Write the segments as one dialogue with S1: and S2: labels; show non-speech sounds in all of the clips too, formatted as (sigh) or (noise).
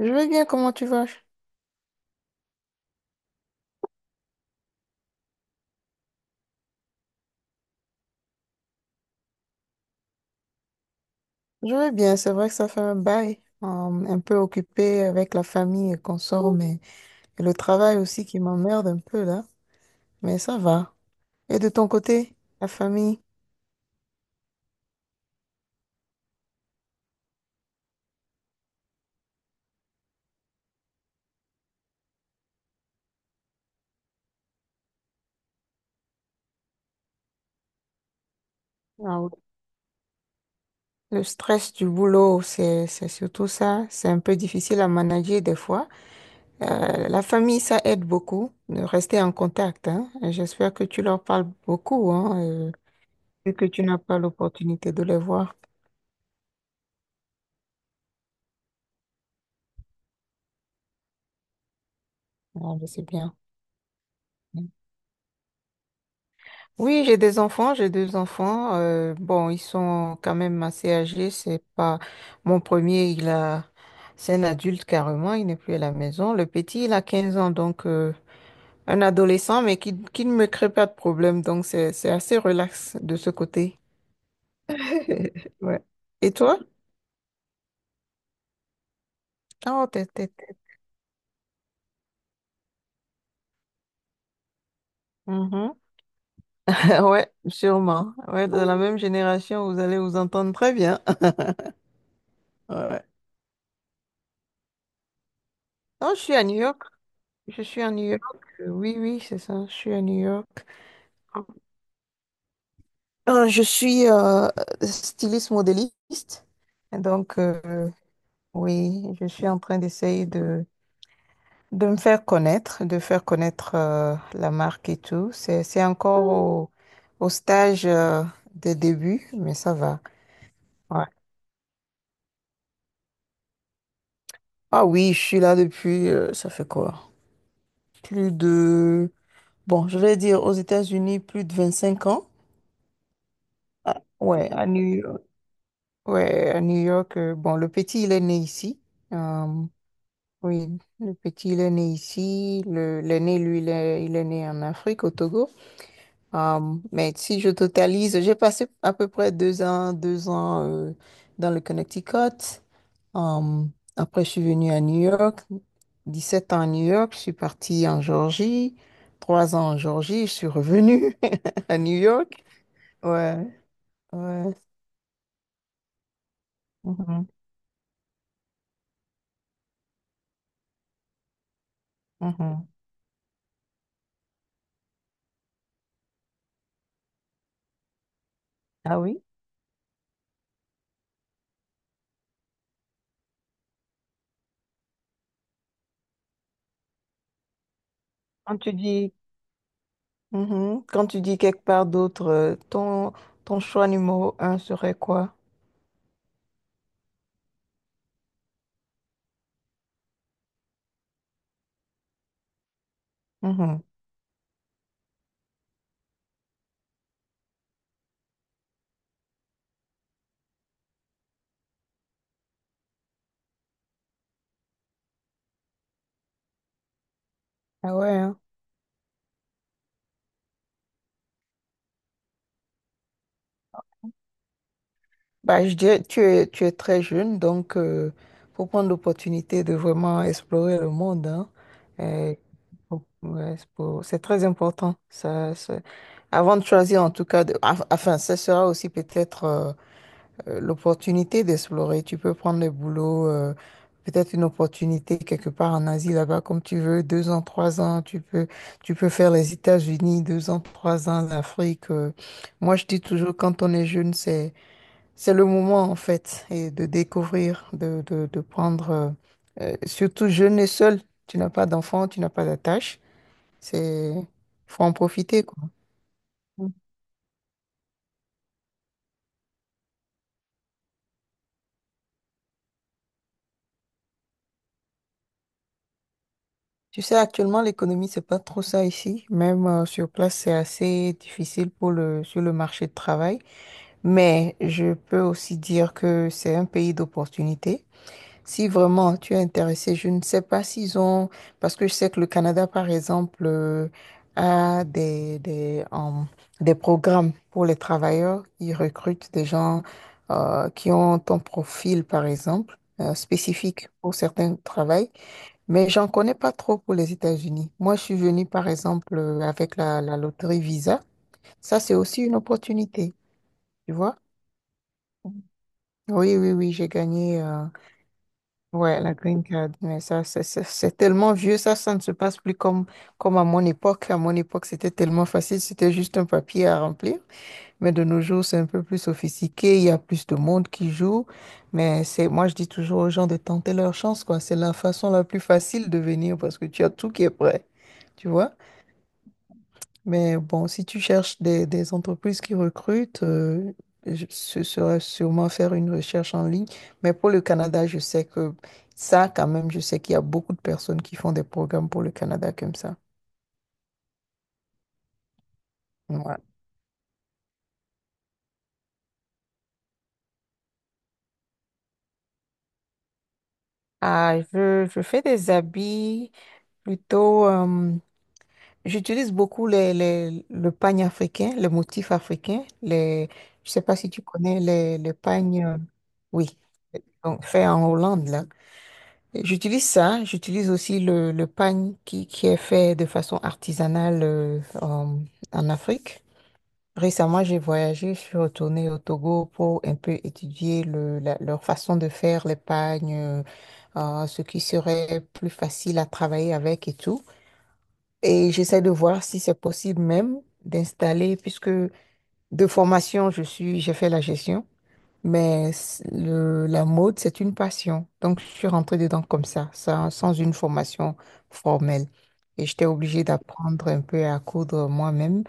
S1: Je vais bien, comment tu vas? Je vais bien, c'est vrai que ça fait un bail, un peu occupé avec la famille et qu'on sort, mais et le travail aussi qui m'emmerde un peu là, mais ça va. Et de ton côté, la famille, Ah oui. Le stress du boulot, c'est surtout ça, c'est un peu difficile à manager des fois. La famille, ça aide beaucoup de rester en contact, hein. Et j'espère que tu leur parles beaucoup, hein, euh, vu que tu n'as pas l'opportunité de les voir. Ah, je sais bien. Oui, j'ai des enfants, j'ai deux enfants. Bon, ils sont quand même assez âgés. C'est pas mon premier, il a, c'est un adulte carrément, il n'est plus à la maison. Le petit, il a 15 ans, donc un adolescent, mais qui ne me crée pas de problème. Donc c'est assez relax de ce côté. (laughs) Ouais. Et toi? Oh, Mhm. (laughs) Ouais, sûrement. Ouais, de la même génération, vous allez vous entendre très bien. (laughs) Ouais. Non, je suis à New York. Je suis à New York. Oui, oui, c'est ça. Je suis à New York. Je suis styliste modéliste. Et donc, oui, je suis en train d'essayer de me faire connaître, de faire connaître la marque et tout. C'est encore au, au stage de début, mais ça va. Ouais. Ah oui, je suis là depuis, ça fait quoi? Plus de, bon, je vais dire aux États-Unis, plus de 25 ans. Ouais, à New York. Ouais, à New York. Bon, le petit, il est né ici. Euh, Oui, le petit, il est né ici. Le, l'aîné, lui, il est né en Afrique, au Togo. Mais si je totalise, j'ai passé à peu près 2 ans, 2 ans dans le Connecticut. Euh, Après, je suis venue à New York. 17 ans à New York. Je suis partie en Géorgie. 3 ans en Géorgie. Je suis revenue (laughs) à New York. Ouais, ouais. Mhm, mhm. Ah oui? Quand tu dis Mhm. Quand tu dis quelque part d'autre, ton, ton choix numéro un serait quoi? Mhm. Ah ouais, hein. Bah, je dirais, tu es très jeune, donc faut prendre l'opportunité de vraiment explorer le monde, hein. Euh, ouais, c'est très important. Avant de choisir, en tout cas, enfin, ça sera aussi peut-être l'opportunité d'explorer. Tu peux prendre le boulot, peut-être une opportunité quelque part en Asie là-bas comme tu veux, 2 ans, 3 ans. Tu peux faire les États-Unis, 2 ans, 3 ans, l'Afrique. Moi, je dis toujours, quand on est jeune, c'est le moment en fait et de découvrir, de prendre, surtout jeune et seul. Tu n'as pas d'enfant, tu n'as pas d'attache. C'est, faut en profiter, quoi. Tu sais, actuellement, l'économie, c'est pas trop ça ici. Même sur place, c'est assez difficile pour le, sur le marché de travail. Mais je peux aussi dire que c'est un pays d'opportunités. Si vraiment tu es intéressé, je ne sais pas s'ils ont, parce que je sais que le Canada, par exemple, a des programmes pour les travailleurs. Ils recrutent des gens qui ont ton profil, par exemple, spécifique pour certains travaux. Mais j'en connais pas trop pour les États-Unis. Moi, je suis venue, par exemple, avec la, la loterie Visa. Ça, c'est aussi une opportunité, tu vois? Oui, oui, oui, j'ai gagné ouais, la green card. Mais ça, c'est tellement vieux, ça ne se passe plus comme, comme à mon époque. À mon époque, c'était tellement facile, c'était juste un papier à remplir. Mais de nos jours, c'est un peu plus sophistiqué, il y a plus de monde qui joue. Mais c'est, moi, je dis toujours aux gens de tenter leur chance, quoi. C'est la façon la plus facile de venir parce que tu as tout qui est prêt, tu vois? Mais bon, si tu cherches des entreprises qui recrutent, ce serait sûrement faire une recherche en ligne. Mais pour le Canada, je sais que ça, quand même, je sais qu'il y a beaucoup de personnes qui font des programmes pour le Canada comme ça. Ouais. Ah, je fais des habits plutôt. J'utilise beaucoup les, le pagne africain, les motifs africains. Les, je sais pas si tu connais les pagnes. Oui, donc fait en Hollande, là. J'utilise ça, j'utilise aussi le pagne qui est fait de façon artisanale en Afrique. Récemment, j'ai voyagé, je suis retournée au Togo pour un peu étudier le, leur façon de faire les pagnes, ce qui serait plus facile à travailler avec et tout. Et j'essaie de voir si c'est possible même d'installer, puisque de formation, je suis, j'ai fait la gestion. Mais la mode, c'est une passion. Donc, je suis rentrée dedans comme ça, sans, sans une formation formelle. Et j'étais obligée d'apprendre un peu à coudre moi-même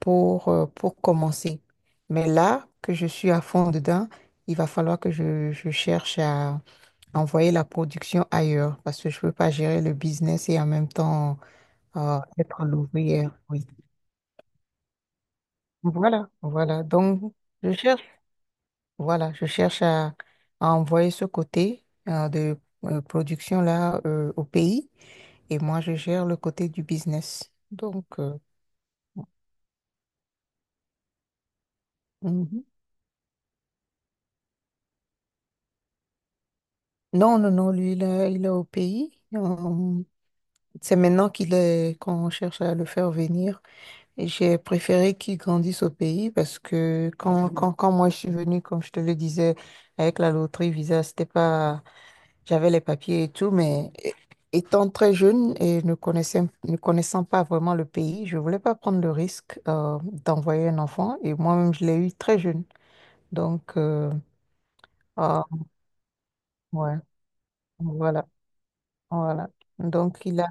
S1: pour commencer. Mais là que je suis à fond dedans, il va falloir que je cherche à envoyer la production ailleurs parce que je ne peux pas gérer le business et en même temps être l'ouvrière. Oui. Voilà, voilà. Donc, je cherche. Voilà, je cherche à envoyer ce côté de production là au pays et moi je gère le côté du business. Donc mhm. Non non non lui il est au pays. C'est maintenant qu'il est qu'on cherche à le faire venir et j'ai préféré qu'il grandisse au pays parce que quand moi je suis venue comme je te le disais avec la loterie Visa c'était pas. J'avais les papiers et tout, mais étant très jeune et ne connaissant pas vraiment le pays, je voulais pas prendre le risque d'envoyer un enfant. Et moi-même, je l'ai eu très jeune. Donc, ah, ouais, voilà, voilà. Donc, il a,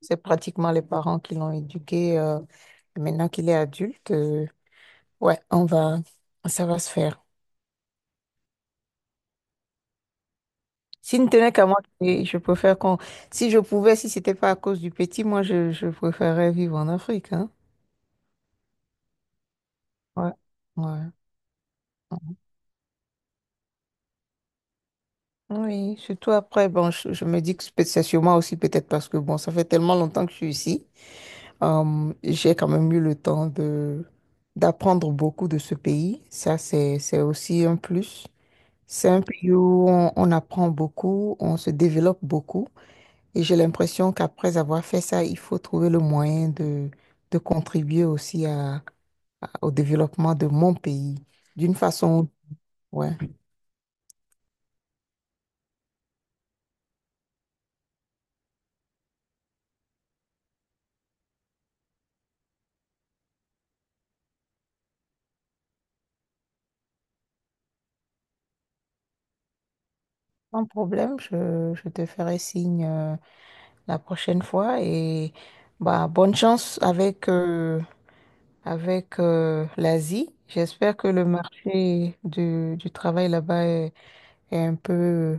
S1: c'est pratiquement les parents qui l'ont éduqué. Et maintenant qu'il est adulte, ouais, on va, ça va se faire. S'il ne tenait qu'à moi, et je préfère qu'on, si je pouvais, si c'était pas à cause du petit, moi, je préférerais vivre en Afrique, hein. Ouais, ouais. Oui, surtout après, bon, je me dis que c'est sûrement aussi peut-être parce que bon, ça fait tellement longtemps que je suis ici. J'ai quand même eu le temps de d'apprendre beaucoup de ce pays. Ça, c'est aussi un plus. C'est un pays où on apprend beaucoup, on se développe beaucoup. Et j'ai l'impression qu'après avoir fait ça, il faut trouver le moyen de contribuer aussi à, au développement de mon pays d'une façon, ouais. Sans problème, je te ferai signe. La prochaine fois. Et bah, bonne chance avec, avec l'Asie. J'espère que le marché du travail là-bas est, est un peu,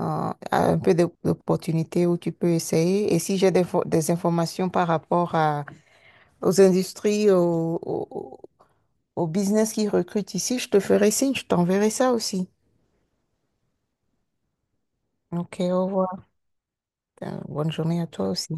S1: a un peu d'opportunités où tu peux essayer. Et si j'ai des, des informations par rapport à, aux industries, au, au, au business qui recrutent ici, je te ferai signe, je t'enverrai ça aussi. Ok, au revoir. Bonne journée à toi aussi.